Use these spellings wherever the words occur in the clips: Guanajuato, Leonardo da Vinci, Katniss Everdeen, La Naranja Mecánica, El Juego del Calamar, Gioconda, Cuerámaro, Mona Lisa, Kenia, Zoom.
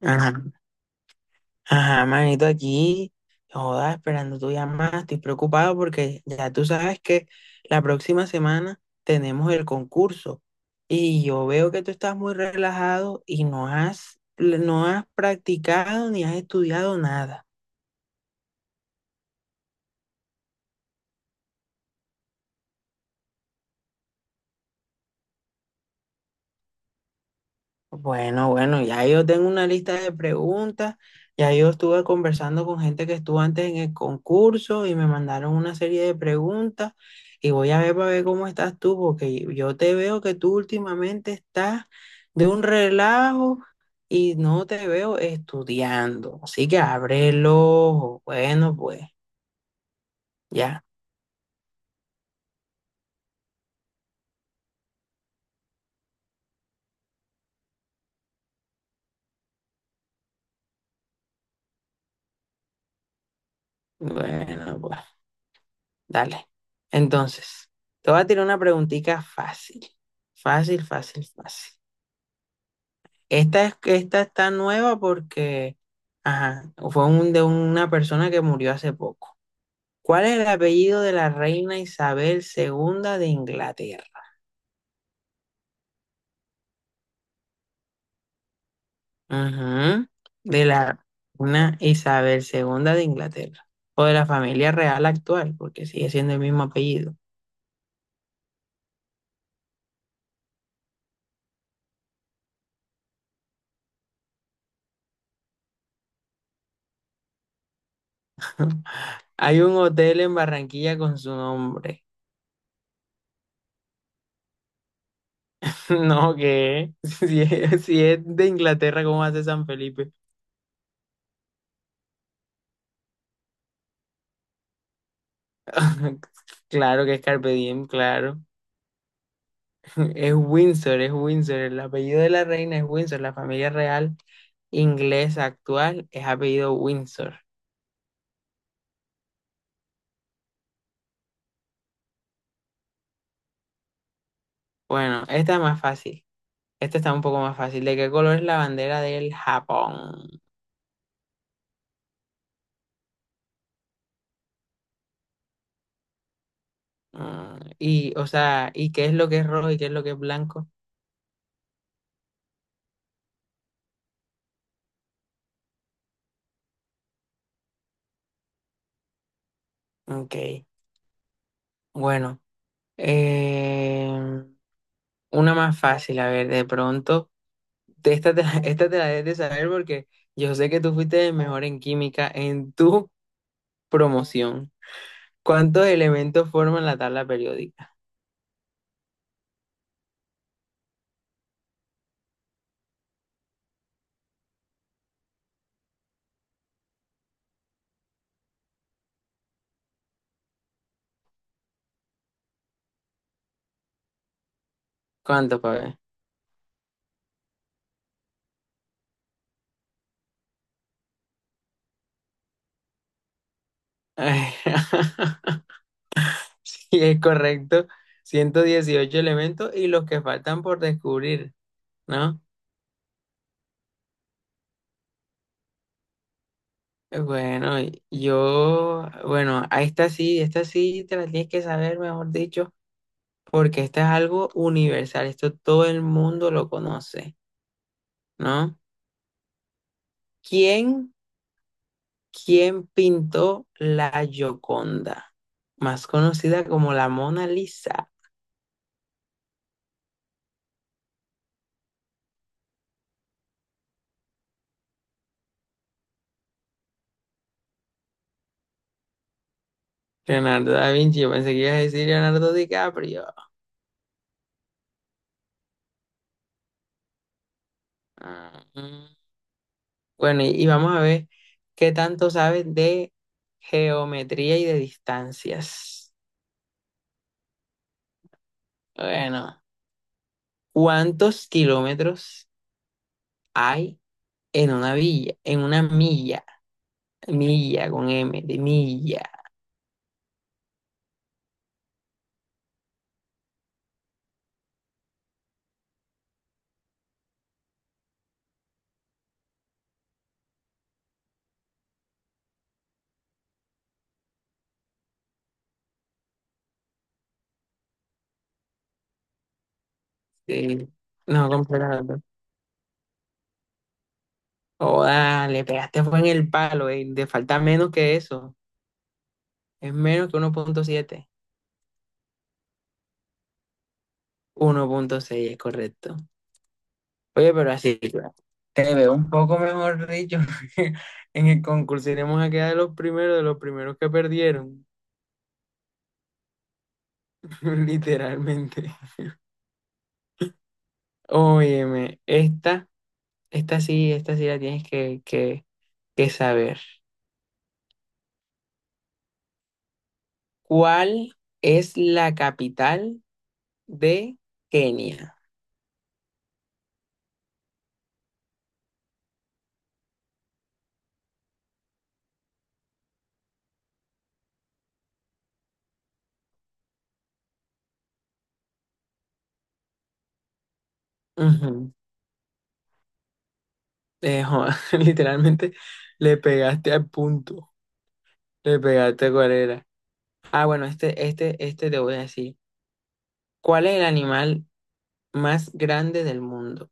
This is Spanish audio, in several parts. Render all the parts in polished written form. Ajá, ajá, manito, aquí, joda, esperando tu llamada, estoy preocupado porque ya tú sabes que la próxima semana tenemos el concurso y yo veo que tú estás muy relajado y no has practicado ni has estudiado nada. Bueno, bueno, ya yo tengo una lista de preguntas, ya yo estuve conversando con gente que estuvo antes en el concurso y me mandaron una serie de preguntas y voy a ver para ver cómo estás tú, porque yo te veo que tú últimamente estás de un relajo y no te veo estudiando, así que abre el ojo. Bueno, pues, ya, bueno, pues, dale. Entonces, te voy a tirar una preguntita fácil, fácil, fácil, fácil. Esta está nueva porque, ajá, de una persona que murió hace poco. ¿Cuál es el apellido de la reina Isabel II de Inglaterra? Ujú, de la reina Isabel II de Inglaterra. O de la familia real actual, porque sigue siendo el mismo apellido. Hay un hotel en Barranquilla con su nombre. No, ¿qué? Si es de Inglaterra, ¿cómo hace San Felipe? Claro que es Carpe Diem, claro. Es Windsor, es Windsor. El apellido de la reina es Windsor. La familia real inglesa actual es apellido Windsor. Bueno, esta es más fácil. Esta está un poco más fácil. ¿De qué color es la bandera del Japón? Mm, y, o sea, ¿y qué es lo que es rojo y qué es lo que es blanco? Ok, bueno. eh, una más fácil, a ver, de pronto. De Esta te, la- Esta te la debes de saber porque yo sé que tú fuiste el mejor en química en tu promoción. ¿Cuántos elementos forman la tabla periódica? ¿Cuántos, pa' ver? Sí es correcto, 118 elementos y los que faltan por descubrir, ¿no? Bueno, bueno, a esta sí te la tienes que saber, mejor dicho, porque esta es algo universal, esto todo el mundo lo conoce, ¿no? ¿Quién, quién pintó la Gioconda, más conocida como la Mona Lisa? Leonardo da Vinci, yo pensé que ibas a decir Leonardo DiCaprio. Ah, mm. Bueno, y vamos a ver qué tanto sabes de geometría y de distancias. Bueno, ¿cuántos kilómetros hay en una villa? En una milla, milla con M, de milla. de- No, completamente. Oh, dale, pegaste fue en el palo, te falta menos que eso. Es menos que uno. 1,7. 1,6, es correcto. Oye, pero así te veo un poco mejor dicho. En el concurso iremos a quedar de los primeros que perdieron, literalmente. Óyeme, esta, esta sí la tienes que saber. ¿Cuál es la capital de Kenia? Ujú. Joda, literalmente le pegaste al punto. Le pegaste cuál era. Ah, bueno, este te voy a decir. ¿Cuál es el animal más grande del mundo?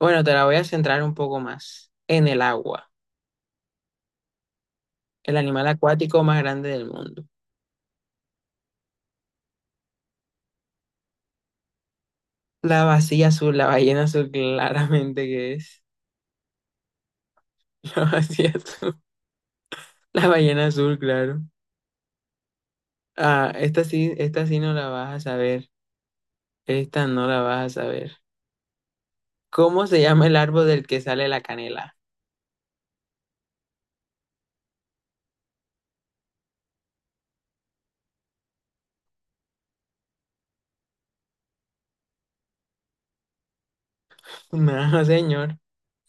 Bueno, te la voy a centrar un poco más en el agua, el animal acuático más grande del mundo. La vacía azul, la ballena azul, claramente que es. La vacía azul, la ballena azul, claro. Ah, esta sí no la vas a saber. Esta no la vas a saber. ¿Cómo se llama el árbol del que sale la canela? No, señor.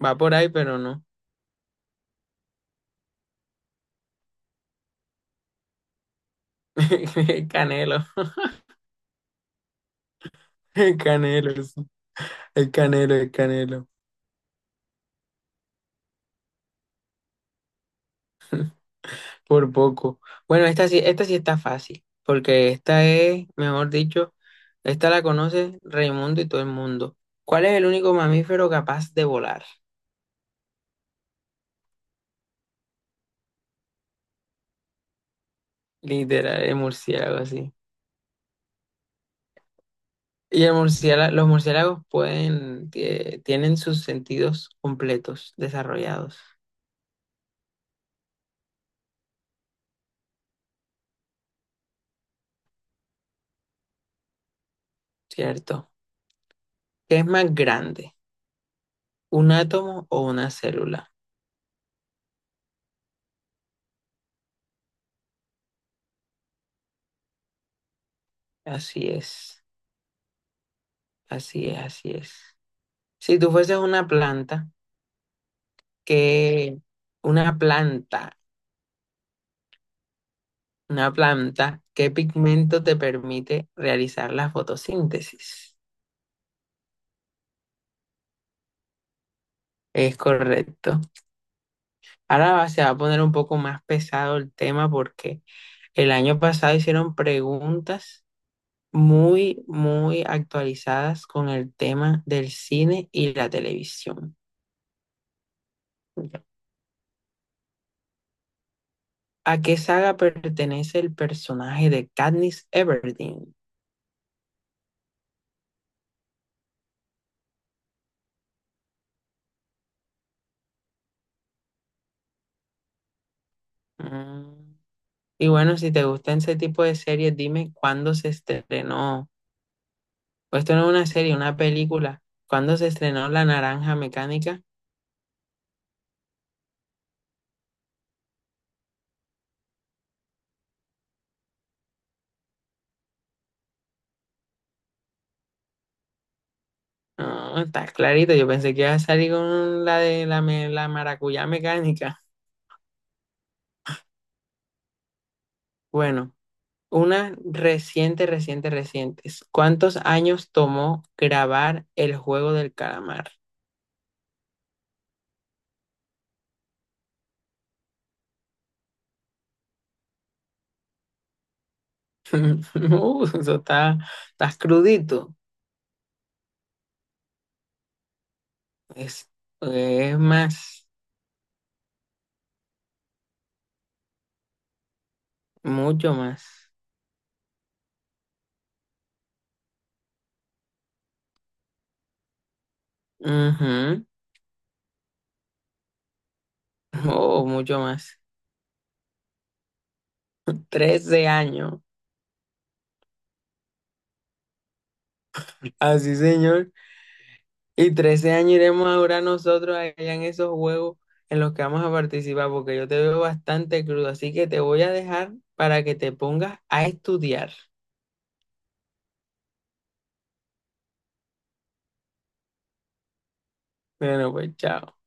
Va por ahí, pero no. El canelo, el canelo, sí. El canelo, el canelo. Por poco. Bueno, esta sí está fácil, porque esta es, mejor dicho, esta la conoce Raimundo y todo el mundo. ¿Cuál es el único mamífero capaz de volar? Literal, el murciélago, así. Y los murciélagos pueden, tienen sus sentidos completos, desarrollados, ¿cierto? ¿Qué es más grande? ¿Un átomo o una célula? Así es, así es, así es. Si tú fueses una planta, ¿qué, una planta. Una planta, ¿qué pigmento te permite realizar la fotosíntesis? Es correcto. Ahora se va a poner un poco más pesado el tema porque el año pasado hicieron preguntas muy, muy actualizadas con el tema del cine y la televisión. ¿A qué saga pertenece el personaje de Katniss Everdeen? Mm. Y bueno, si te gustan ese tipo de series, dime cuándo se estrenó. Pues esto no es una serie, una película. ¿Cuándo se estrenó La Naranja Mecánica? No, está clarito. Yo pensé que iba a salir con la de la, la maracuyá mecánica. Bueno, una reciente, reciente, reciente. ¿Cuántos años tomó grabar El Juego del Calamar? Eso está crudito. Es, es más, mucho más. Ujú. Oh, mucho más. 13 años. Así, señor. Y 13 años iremos a durar nosotros allá en esos juegos en los que vamos a participar, porque yo te veo bastante crudo, así que te voy a dejar para que te pongas a estudiar. Bueno, pues chao.